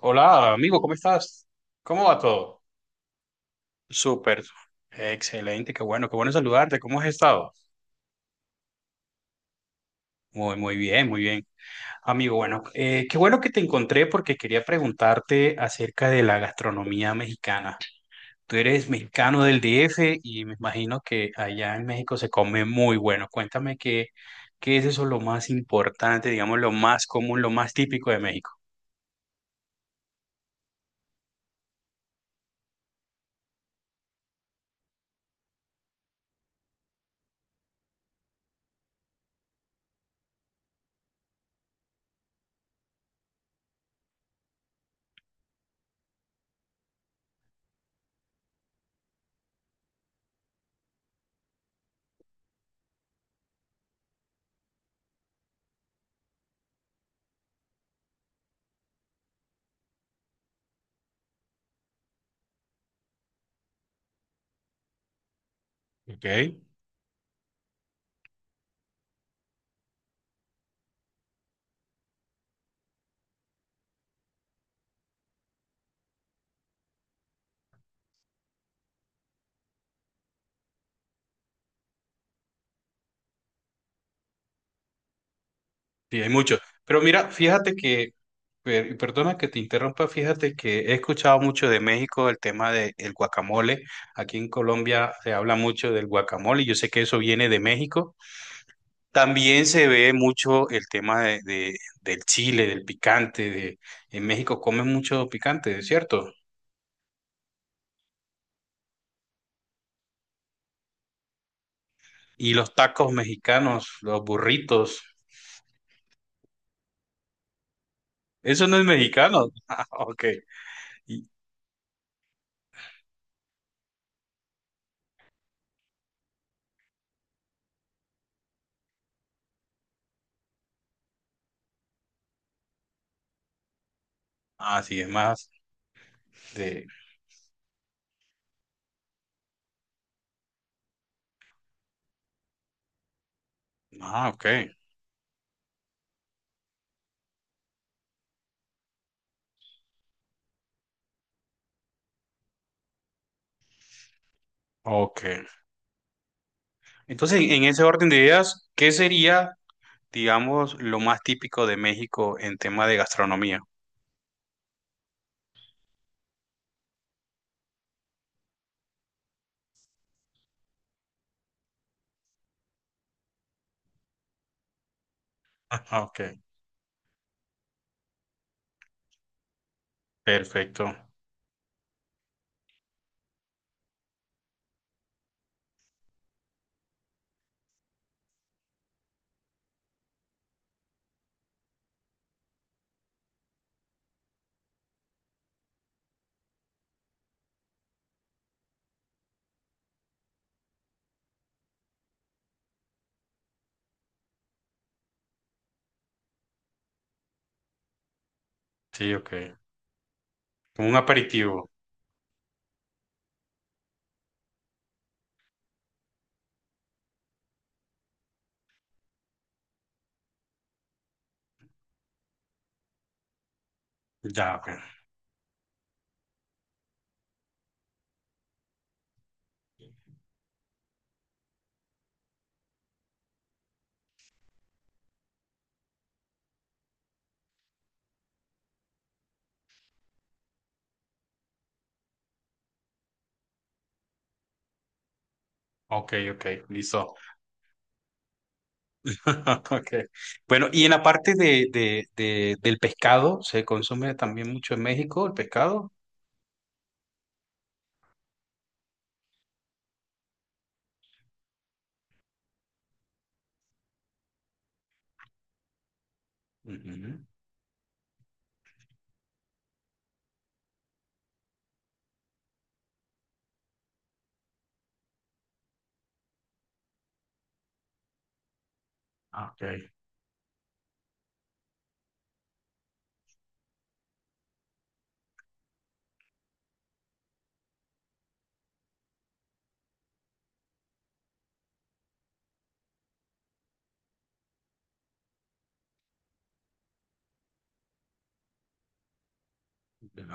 Hola, amigo, ¿cómo estás? ¿Cómo va todo? Súper, excelente, qué bueno saludarte. ¿Cómo has estado? Muy bien, muy bien. Amigo, bueno, qué bueno que te encontré porque quería preguntarte acerca de la gastronomía mexicana. Tú eres mexicano del DF y me imagino que allá en México se come muy bueno. Cuéntame qué es eso lo más importante, digamos, lo más común, lo más típico de México. Ok. Sí, hay mucho. Pero mira, y perdona que te interrumpa, fíjate que he escuchado mucho de México el tema del guacamole. Aquí en Colombia se habla mucho del guacamole, yo sé que eso viene de México. También se ve mucho el tema de- del chile, del picante. De, en México comen mucho picante, ¿es cierto? Y los tacos mexicanos, los burritos. Eso no es mexicano. Ah, ok. Y- ah, sí, es más de. Ah, ok. Ok. Entonces, en ese orden de ideas, ¿qué sería, digamos, lo más típico de México en tema de gastronomía? Ajá, ok, perfecto. Sí, ok. Como un aperitivo. Ya, ok. Ok, ok, listo. Ok. Bueno, y en la parte del pescado, ¿se consume también mucho en México el pescado? Ujú. Ah, ok,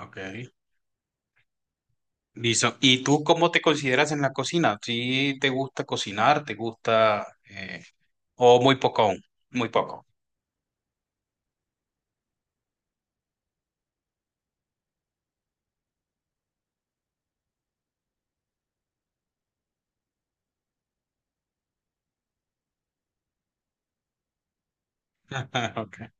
ok. Listo. ¿Y tú cómo te consideras en la cocina? ¿Sí te gusta cocinar? ¿Te gusta, o muy poco aún? Muy poco. Ok.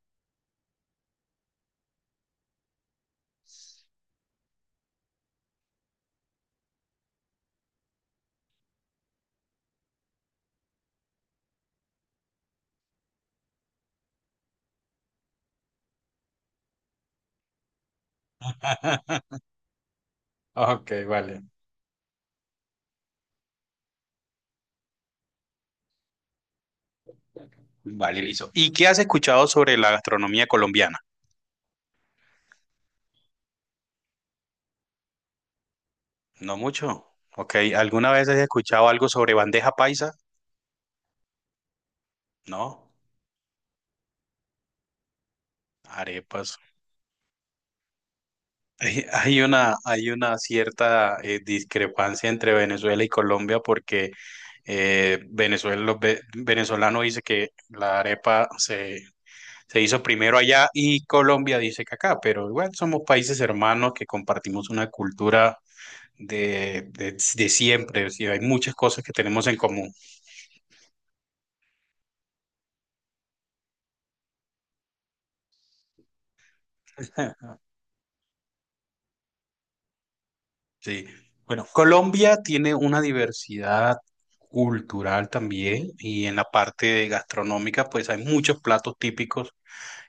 Ok, vale. Vale, listo. ¿Y qué has escuchado sobre la gastronomía colombiana? No mucho. Ok, ¿alguna vez has escuchado algo sobre bandeja paisa? No, arepas. Hay, hay una cierta discrepancia entre Venezuela y Colombia porque Venezuela, los venezolano dice que se hizo primero allá y Colombia dice que acá, pero igual somos países hermanos que compartimos una cultura de siempre, sí, hay muchas cosas que tenemos en común. Sí. Bueno, Colombia tiene una diversidad cultural también y en la parte de gastronómica pues hay muchos platos típicos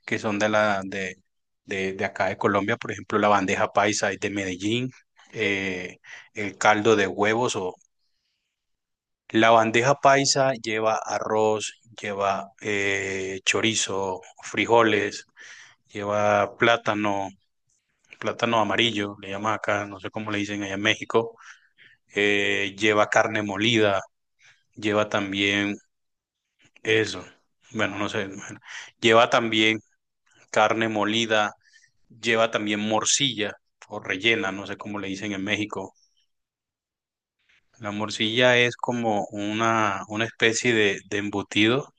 que son de acá de Colombia, por ejemplo la bandeja paisa es de Medellín, eh, el caldo de huevos o la bandeja paisa lleva arroz, lleva chorizo, frijoles, lleva plátano, plátano amarillo, le llaman acá, no sé cómo le dicen allá en México, lleva carne molida, lleva también eso, bueno, no sé, bueno, lleva también carne molida, lleva también morcilla o rellena, no sé cómo le dicen en México. La morcilla es como una especie de embutido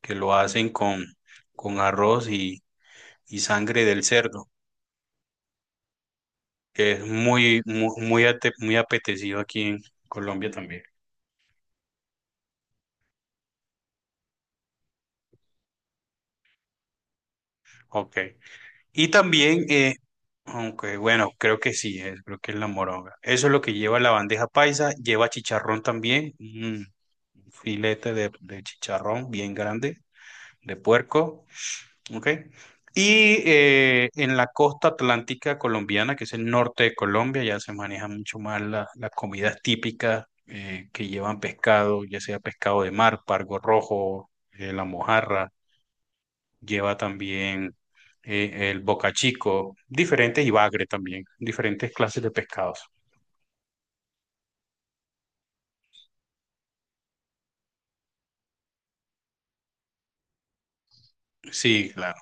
que lo hacen con arroz y sangre del cerdo, que es muy apetecido aquí en Colombia también. Ok. Y también, aunque bueno, creo que sí, es, creo que es la moronga. Eso es lo que lleva la bandeja paisa, lleva chicharrón también, un filete de chicharrón bien grande, de puerco, ¿ok? Y en la costa atlántica colombiana, que es el norte de Colombia, ya se maneja mucho más las comidas típicas que llevan pescado, ya sea pescado de mar, pargo rojo, la mojarra lleva también el bocachico, diferentes y bagre también, diferentes clases de pescados. Sí, claro.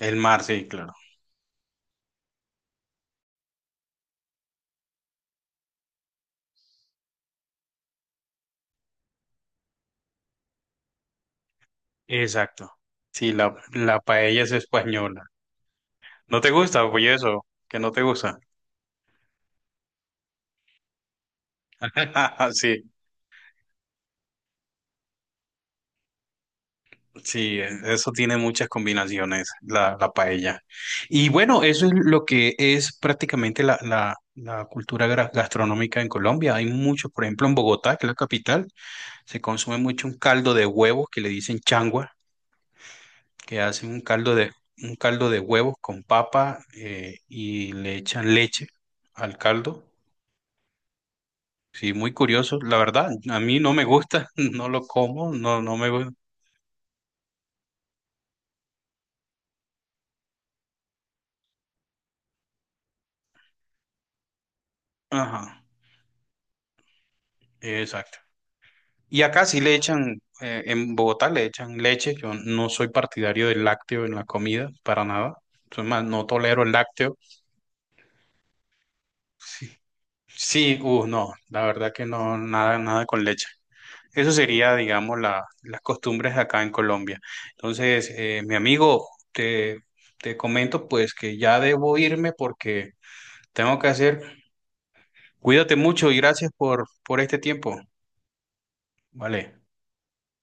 El mar, sí, claro. Exacto. Sí, la paella es española. ¿No te gusta? Oye, eso, que no te gusta. Sí, sí, eso tiene muchas combinaciones, la paella. Y bueno, eso es lo que es prácticamente la cultura gastronómica en Colombia. Hay muchos, por ejemplo, en Bogotá, que es la capital, se consume mucho un caldo de huevo que le dicen changua, que hacen un caldo un caldo de huevos con papa y le echan leche al caldo. Sí, muy curioso. La verdad, a mí no me gusta, no lo como, no, no me gusta. Ajá, exacto. Y acá sí le echan, en Bogotá le echan leche. Yo no soy partidario del lácteo en la comida, para nada. Soy más, no tolero el lácteo. Sí, no, la verdad que no, nada, nada con leche. Eso sería, digamos, las costumbres acá en Colombia. Entonces, mi amigo, te comento pues que ya debo irme porque tengo que hacer. Cuídate mucho y gracias por este tiempo. Vale.